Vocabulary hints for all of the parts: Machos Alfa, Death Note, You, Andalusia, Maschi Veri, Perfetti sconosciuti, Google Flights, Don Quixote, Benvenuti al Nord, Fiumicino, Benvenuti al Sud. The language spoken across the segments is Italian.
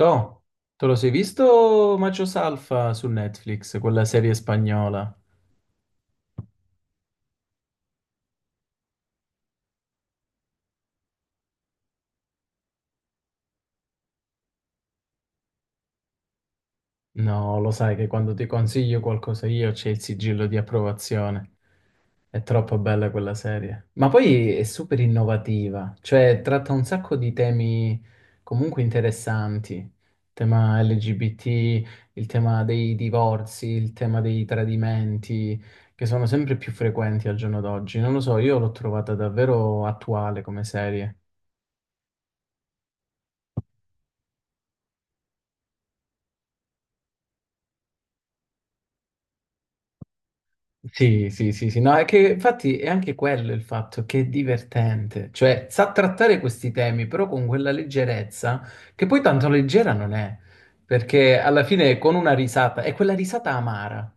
Toh, te lo sei visto Machos Alfa su Netflix, quella serie spagnola? No, lo sai che quando ti consiglio qualcosa io c'è il sigillo di approvazione. È troppo bella quella serie. Ma poi è super innovativa, cioè tratta un sacco di temi comunque interessanti. Il tema LGBT, il tema dei divorzi, il tema dei tradimenti, che sono sempre più frequenti al giorno d'oggi. Non lo so, io l'ho trovata davvero attuale come serie. Sì, sì, sì, sì, no, è che infatti è anche quello il fatto che è divertente, cioè sa trattare questi temi però con quella leggerezza che poi tanto leggera non è, perché alla fine con una risata, è quella risata amara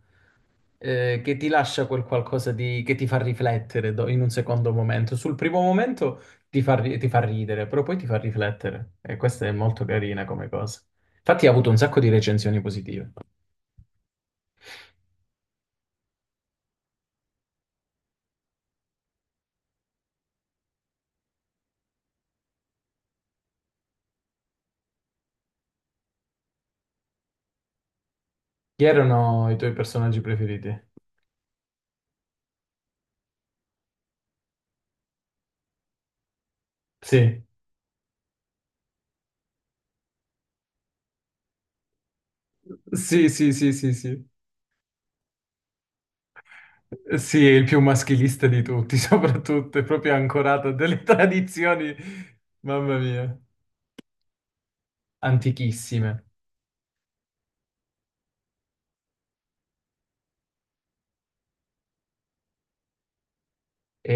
che ti lascia quel qualcosa di, che ti fa riflettere in un secondo momento, sul primo momento ti fa, ti fa ridere, però poi ti fa riflettere e questa è molto carina come cosa. Infatti ha avuto un sacco di recensioni positive. Chi erano i tuoi personaggi preferiti? Sì. Sì, sì, sì, sì, sì. Sì, è il più maschilista di tutti, soprattutto, è proprio ancorato a delle tradizioni, mamma mia, antichissime.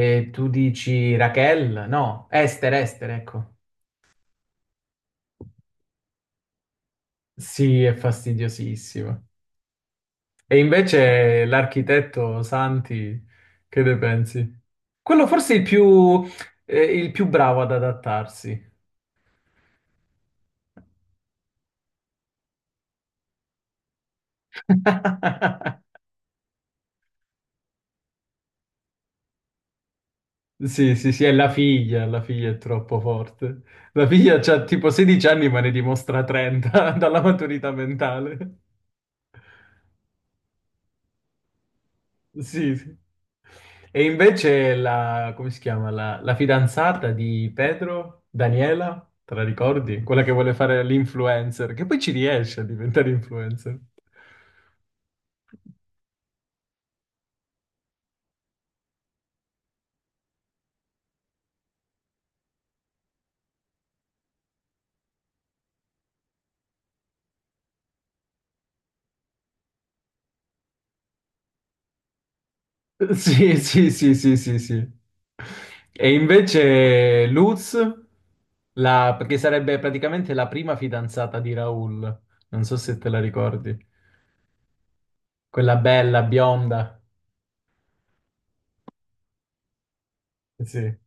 E tu dici Raquel? No, Esther, Esther, ecco. Sì, è fastidiosissimo. E invece l'architetto Santi, che ne pensi? Quello forse è il più bravo ad adattarsi. Sì, sì, sì, è la figlia è troppo forte. La figlia ha tipo 16 anni ma ne dimostra 30 dalla maturità mentale. Sì, sì. E invece la, come si chiama? La fidanzata di Pedro, Daniela, te la ricordi? Quella che vuole fare l'influencer, che poi ci riesce a diventare influencer. Sì, sì, sì, sì, sì, sì. E invece Luz, perché sarebbe praticamente la prima fidanzata di Raul, non so se te la ricordi, quella bella, bionda. Sì.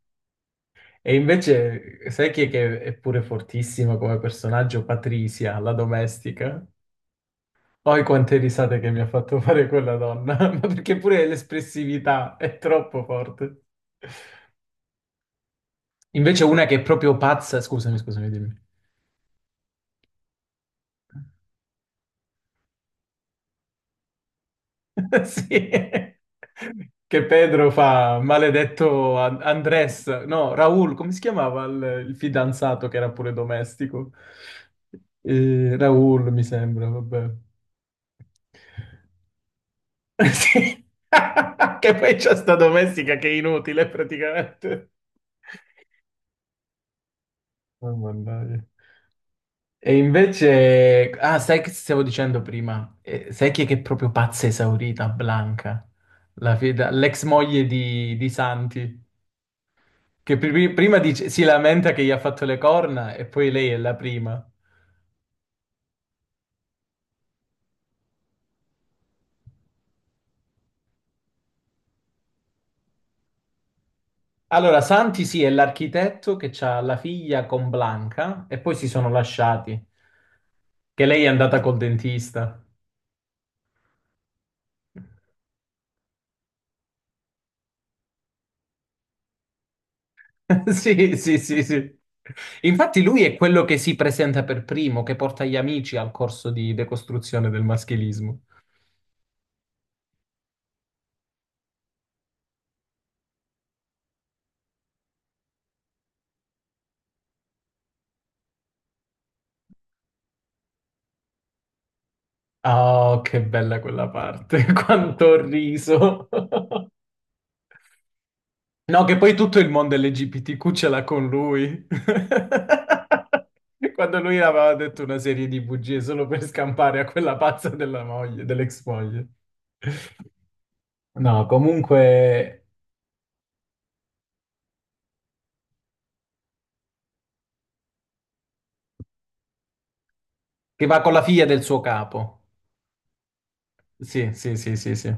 E invece, sai chi è che è pure fortissima come personaggio? Patricia, la domestica. Poi quante risate che mi ha fatto fare quella donna, ma perché pure l'espressività è troppo forte. Invece una che è proprio pazza, scusami, scusami, dimmi. Sì. Che Pedro fa maledetto Andrés, no, Raul, come si chiamava il fidanzato che era pure domestico? Raul, mi sembra, vabbè. Sì. Che poi c'è sta domestica che è inutile praticamente. Oh, mannaggia. E invece, ah, sai che stavo dicendo prima? Sai chi è che è proprio pazza esaurita, Blanca, l'ex moglie di Santi, che prima si lamenta che gli ha fatto le corna e poi lei è la prima. Allora, Santi sì, è l'architetto che ha la figlia con Blanca e poi si sono lasciati, che lei è andata col dentista. Sì, sì, sì, sì. Infatti lui è quello che si presenta per primo, che porta gli amici al corso di decostruzione del maschilismo. Oh, che bella quella parte, quanto ho riso. No, che poi tutto il mondo LGBTQ ce l'ha con lui. Quando lui aveva detto una serie di bugie solo per scampare a quella pazza della moglie, dell'ex moglie. No, comunque, che va con la figlia del suo capo. Sì, sì, sì, sì, sì.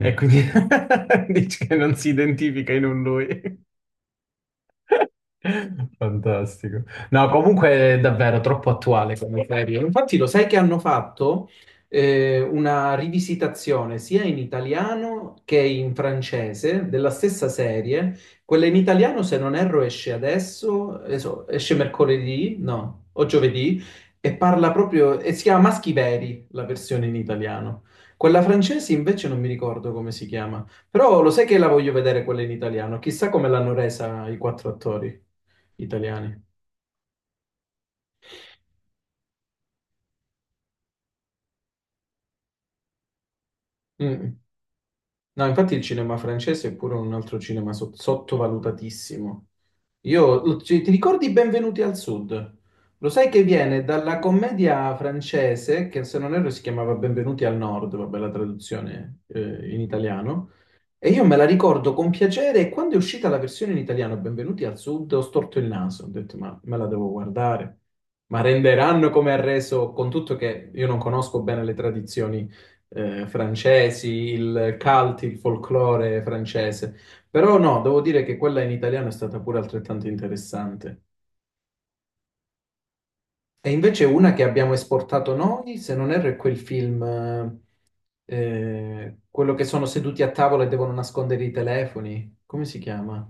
E quindi dici che non si identifica in un lui. Fantastico. No, comunque è davvero troppo attuale come serie. Infatti lo sai che hanno fatto una rivisitazione sia in italiano che in francese della stessa serie. Quella in italiano, se non erro, esce adesso, adesso esce mercoledì, no, o giovedì, e parla proprio, e si chiama Maschi Veri, la versione in italiano. Quella francese invece non mi ricordo come si chiama. Però lo sai che la voglio vedere quella in italiano? Chissà come l'hanno resa i quattro attori italiani. Mm. No, infatti il cinema francese è pure un altro cinema sottovalutatissimo. Io, ti ricordi Benvenuti al Sud? Lo sai che viene dalla commedia francese, che se non erro si chiamava Benvenuti al Nord, vabbè la traduzione in italiano. E io me la ricordo con piacere e quando è uscita la versione in italiano Benvenuti al Sud ho storto il naso, ho detto ma me la devo guardare, ma renderanno come ha reso, con tutto che io non conosco bene le tradizioni francesi, il cult, il folklore francese, però no, devo dire che quella in italiano è stata pure altrettanto interessante. E invece una che abbiamo esportato noi, se non erro, è quel film quello che sono seduti a tavola e devono nascondere i telefoni, come si chiama?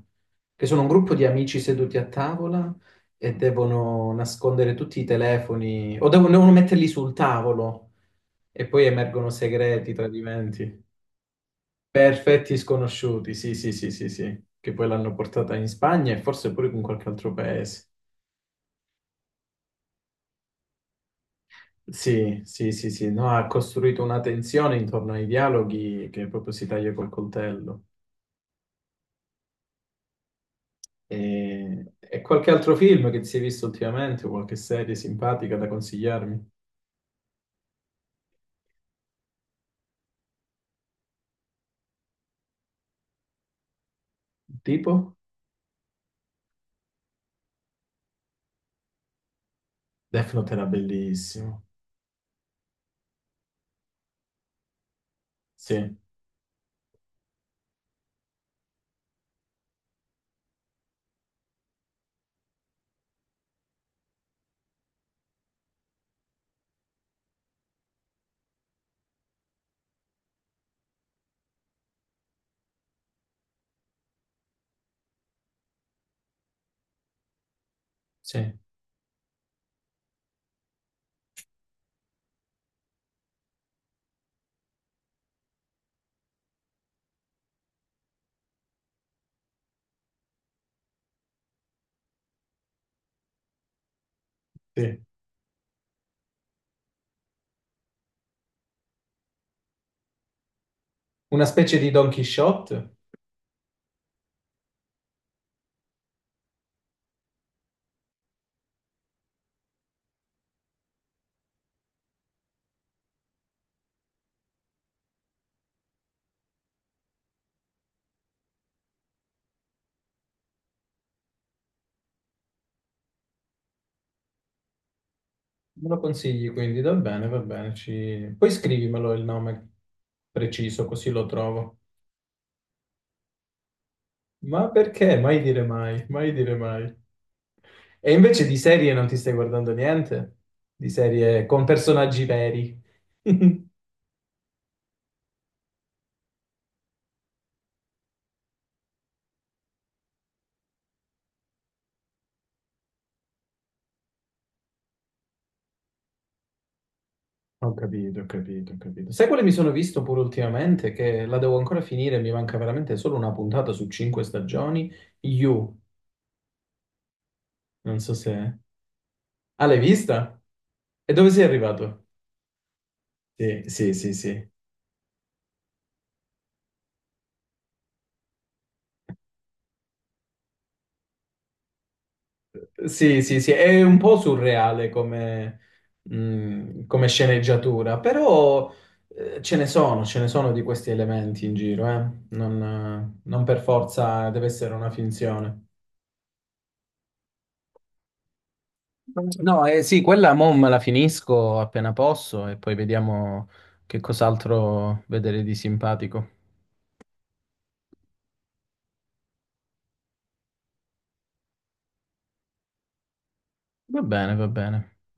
Che sono un gruppo di amici seduti a tavola e devono nascondere tutti i telefoni o devono, devono metterli sul tavolo e poi emergono segreti, tradimenti. Perfetti sconosciuti, sì, sì, sì, sì, sì, che poi l'hanno portata in Spagna e forse pure in qualche altro paese. Sì, sì, sì, sì, no, ha costruito una tensione intorno ai dialoghi che proprio si taglia col coltello. E qualche altro film che ti sei visto ultimamente o qualche serie simpatica da consigliarmi? Tipo? Death Note era bellissimo. Sì, sì, sì. Una specie di Don Quixote? Me lo consigli quindi? Va bene, va bene. Ci... Poi scrivimelo il nome preciso così lo trovo. Ma perché? Mai dire mai, mai dire mai. E invece di serie non ti stai guardando niente? Di serie con personaggi veri? Ho capito, ho capito, ho capito. Sai quale mi sono visto pure ultimamente? Che la devo ancora finire, mi manca veramente solo una puntata su cinque stagioni. You, non so se... Ah, l'hai vista? E dove sei arrivato? Sì, sì, sì, sì. Sì, sì, sì, è un po' surreale come, come sceneggiatura, però ce ne sono di questi elementi in giro, eh. Non, non per forza deve essere una finzione. No, sì, quella mo me la finisco appena posso e poi vediamo che cos'altro vedere di simpatico. Va bene, va bene.